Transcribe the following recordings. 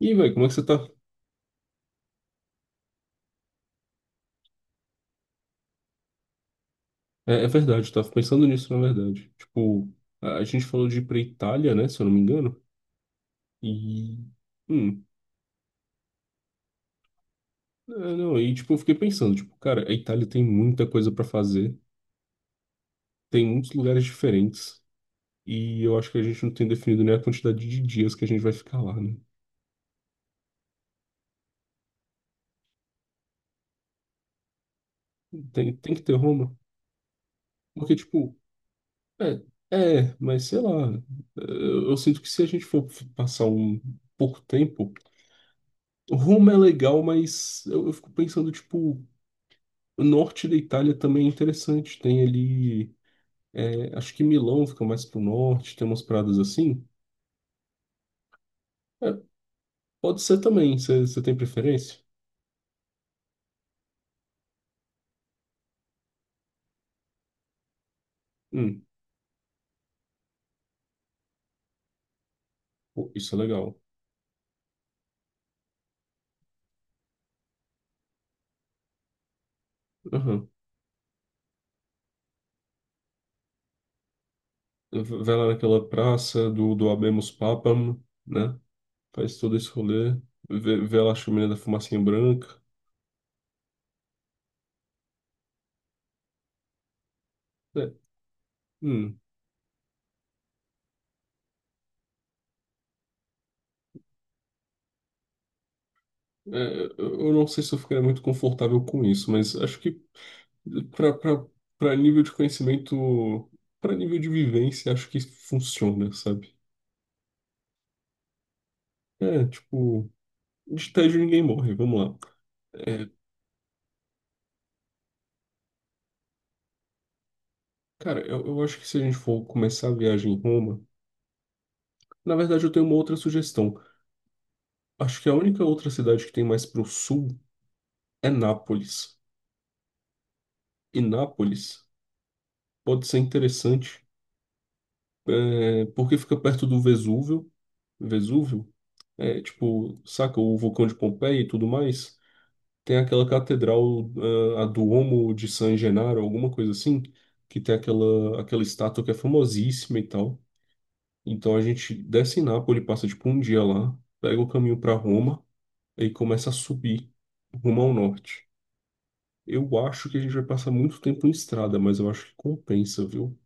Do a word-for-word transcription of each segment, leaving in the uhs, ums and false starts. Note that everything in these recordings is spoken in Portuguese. E, velho, como é que você tá? É, é verdade, eu tava pensando nisso, na verdade. Tipo, a, a gente falou de ir pra Itália, né, se eu não me engano. E. Hum, é, não, e, tipo, eu fiquei pensando, tipo, cara, a Itália tem muita coisa pra fazer, tem muitos lugares diferentes. E eu acho que a gente não tem definido nem a quantidade de dias que a gente vai ficar lá, né? Tem, tem que ter Roma. Porque, tipo, é, é, mas sei lá. Eu, eu sinto que se a gente for passar um pouco tempo. Roma é legal, mas eu, eu fico pensando, tipo. O norte da Itália também é interessante. Tem ali, é, acho que Milão fica mais pro norte, tem umas pradas assim. É, pode ser também, você tem preferência? Hum, pô, isso é legal. Aham. V- Vai lá naquela praça do, do Habemus Papam, né? Faz todo esse rolê. Vê, vê lá a chaminé da fumacinha branca. É, hum, é, eu eu não sei se eu ficaria muito confortável com isso, mas acho que para nível de conhecimento, para nível de vivência, acho que funciona, sabe? É, tipo, de tédio ninguém morre, vamos lá. É, cara, eu, eu acho que se a gente for começar a viagem em Roma, na verdade eu tenho uma outra sugestão. Acho que a única outra cidade que tem mais pro sul é Nápoles. E Nápoles pode ser interessante, é, porque fica perto do Vesúvio. Vesúvio, é, tipo, saca o vulcão de Pompeia e tudo mais? Tem aquela catedral, ah, a Duomo de San Gennaro, alguma coisa assim, que tem aquela, aquela estátua que é famosíssima e tal. Então a gente desce em Nápoles, passa tipo um dia lá, pega o caminho para Roma e começa a subir rumo ao norte. Eu acho que a gente vai passar muito tempo em estrada, mas eu acho que compensa, viu?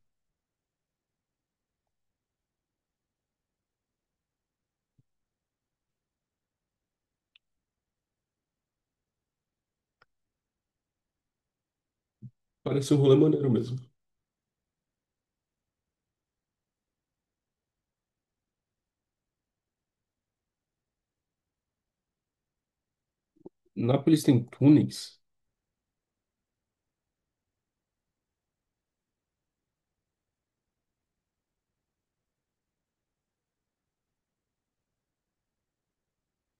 Parece um rolê maneiro mesmo. Nápoles tem túneis,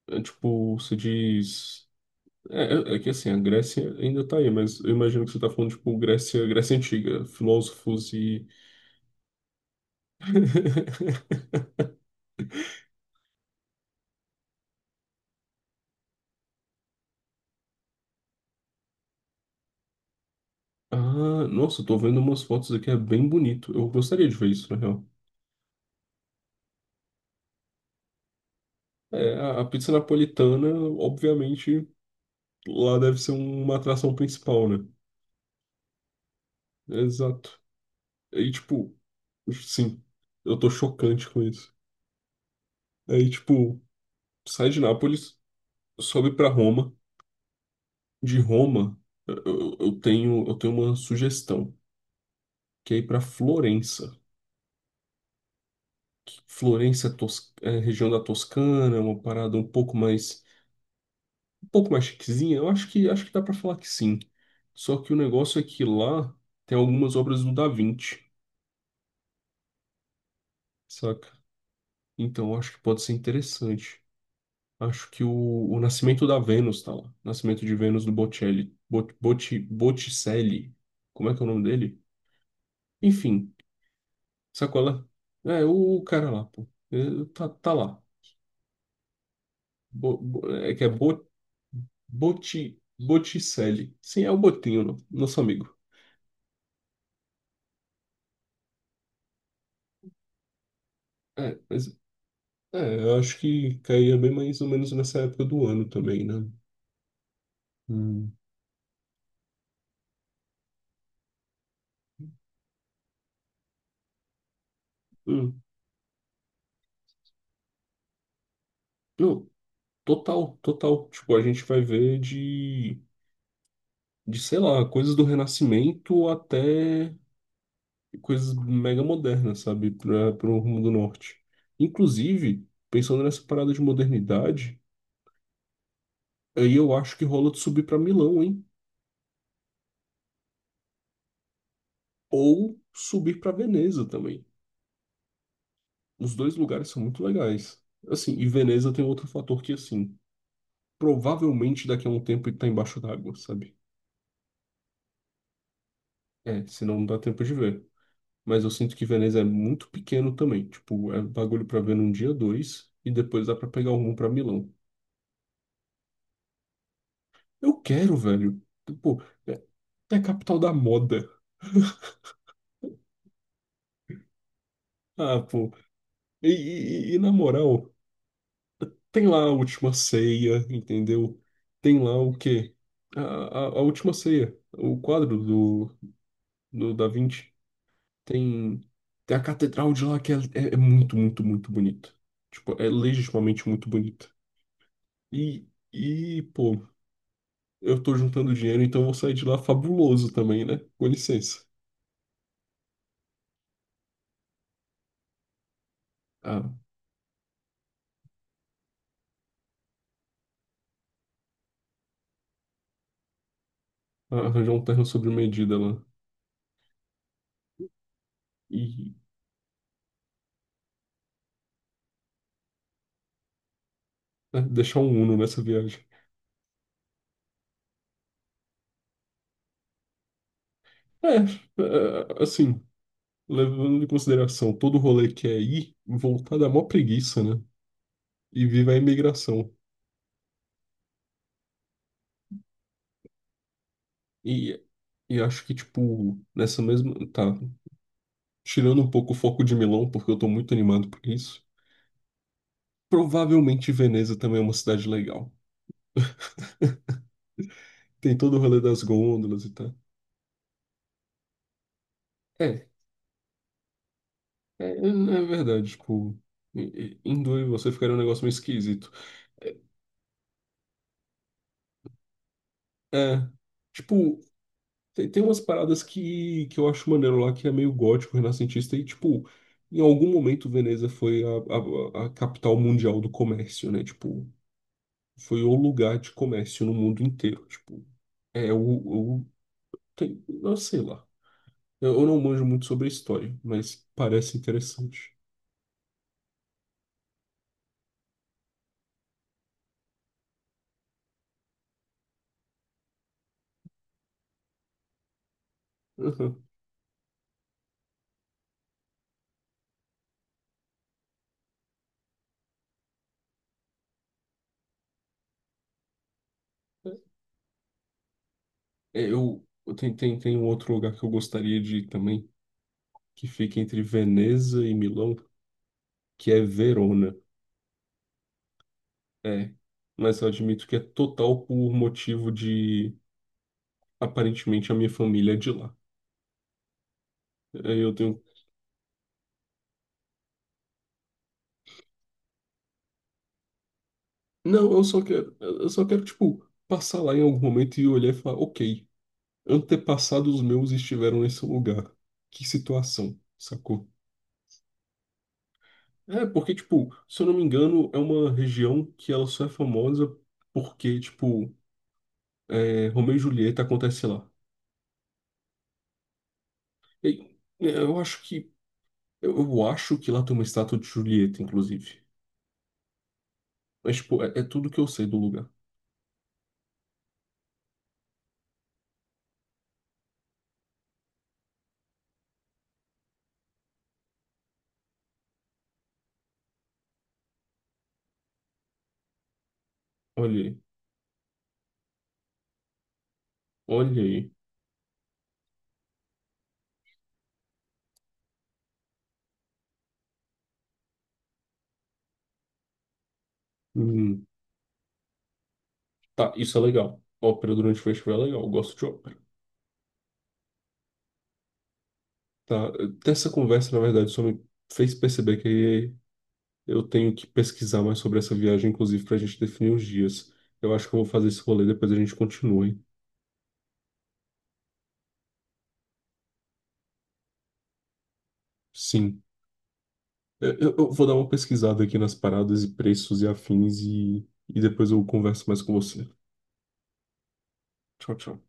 é tipo, você diz. É, é é que assim, a Grécia ainda tá aí, mas eu imagino que você tá falando, tipo, Grécia, Grécia Antiga, filósofos e. Ah, nossa, eu tô vendo umas fotos aqui, é bem bonito. Eu gostaria de ver isso, na real. É, a a pizza napolitana, obviamente, lá deve ser uma atração principal, né? Exato. Aí, tipo, sim, eu tô chocante com isso. Aí, tipo, sai de Nápoles, sobe pra Roma. De Roma, eu, eu- eu tenho, eu tenho uma sugestão, que é ir pra Florença. Florença é, tos- é região da Toscana, uma parada um pouco mais, um pouco mais chiquezinha. Eu acho que, acho que dá pra falar que sim. Só que o negócio é que lá tem algumas obras do Da Vinci. Saca? Então, eu acho que pode ser interessante. Acho que o, o Nascimento da Vênus tá lá. Nascimento de Vênus do Botticelli. Bot, Botti, Botticelli. Como é que é o nome dele? Enfim, sacola. É, o, o cara lá, pô. É, tá, tá lá. Bo- bo- é que é Bo- Botti, Botticelli. Sim, é o Botinho, no- nosso amigo. É, mas é, eu acho que caía bem mais ou menos nessa época do ano também, né? Hum. Hum. Não, total, total. Tipo, a gente vai ver de. De, sei lá, coisas do Renascimento até coisas mega modernas, sabe, para o rumo do norte. Inclusive, pensando nessa parada de modernidade, aí eu acho que rola de subir para Milão, hein? Ou subir para Veneza também. Os dois lugares são muito legais. Assim, e Veneza tem outro fator que, assim, provavelmente daqui a um tempo ele tá embaixo d'água, sabe? É, senão não dá tempo de ver. Mas eu sinto que Veneza é muito pequeno também. Tipo, é bagulho pra ver num dia dois e depois dá pra pegar o rumo pra Milão. Eu quero, velho. Pô, é é a capital da moda. Ah, pô. E, e- e- e na moral, tem lá a última ceia, entendeu? Tem lá o quê? A, a, a última ceia. O quadro do, do Da Vinci. Tem, tem a catedral de lá que é, é- é muito, muito, muito bonito. Tipo, é legitimamente muito bonito. E, e, pô, eu tô juntando dinheiro, então eu vou sair de lá fabuloso também, né? Com licença. Ah, arranjar um terno sobre medida lá. E, né, deixar um Uno nessa viagem. É, é, assim, levando em consideração todo o rolê que é ir, voltar dá mó preguiça, né? E viva a imigração. E, e acho que, tipo, nessa mesma. Tá, tirando um pouco o foco de Milão, porque eu tô muito animado por isso. Provavelmente Veneza também é uma cidade legal. Tem todo o rolê das gôndolas e tal. É, é, é verdade, tipo. Em em- em dois você ficaria um negócio meio esquisito. É, tipo, tem, tem umas paradas que, que eu acho maneiro lá, que é meio gótico, renascentista, e, tipo, em algum momento Veneza foi a, a, a capital mundial do comércio, né? Tipo, foi o lugar de comércio no mundo inteiro. Tipo, é o. O tem, eu sei lá. Eu, eu não manjo muito sobre a história, mas parece interessante. Uhum. É, eu, eu tem, tem, tem um outro lugar que eu gostaria de ir também, que fica entre Veneza e Milão, que é Verona. É, mas eu admito que é total por motivo de aparentemente a minha família é de lá. Aí eu tenho. Não, eu só quero. Eu só quero, tipo, passar lá em algum momento e olhar e falar, ok, antepassados meus estiveram nesse lugar. Que situação, sacou? É, porque, tipo, se eu não me engano, é uma região que ela só é famosa porque, tipo, é, Romeu e Julieta acontece lá. E, é, eu acho que. Eu, eu acho que lá tem uma estátua de Julieta, inclusive. Mas, tipo, é, é tudo que eu sei do lugar. Olha aí. Olha aí. Hum, tá, isso é legal. Ópera durante o festival é legal. Eu gosto de ópera. Tá, ter essa conversa, na verdade, só me fez perceber que eu tenho que pesquisar mais sobre essa viagem, inclusive, pra gente definir os dias. Eu acho que eu vou fazer esse rolê, depois a gente continua, hein? Sim. Eu, eu- eu vou dar uma pesquisada aqui nas paradas e preços e afins e, e depois eu converso mais com você. Tchau, tchau.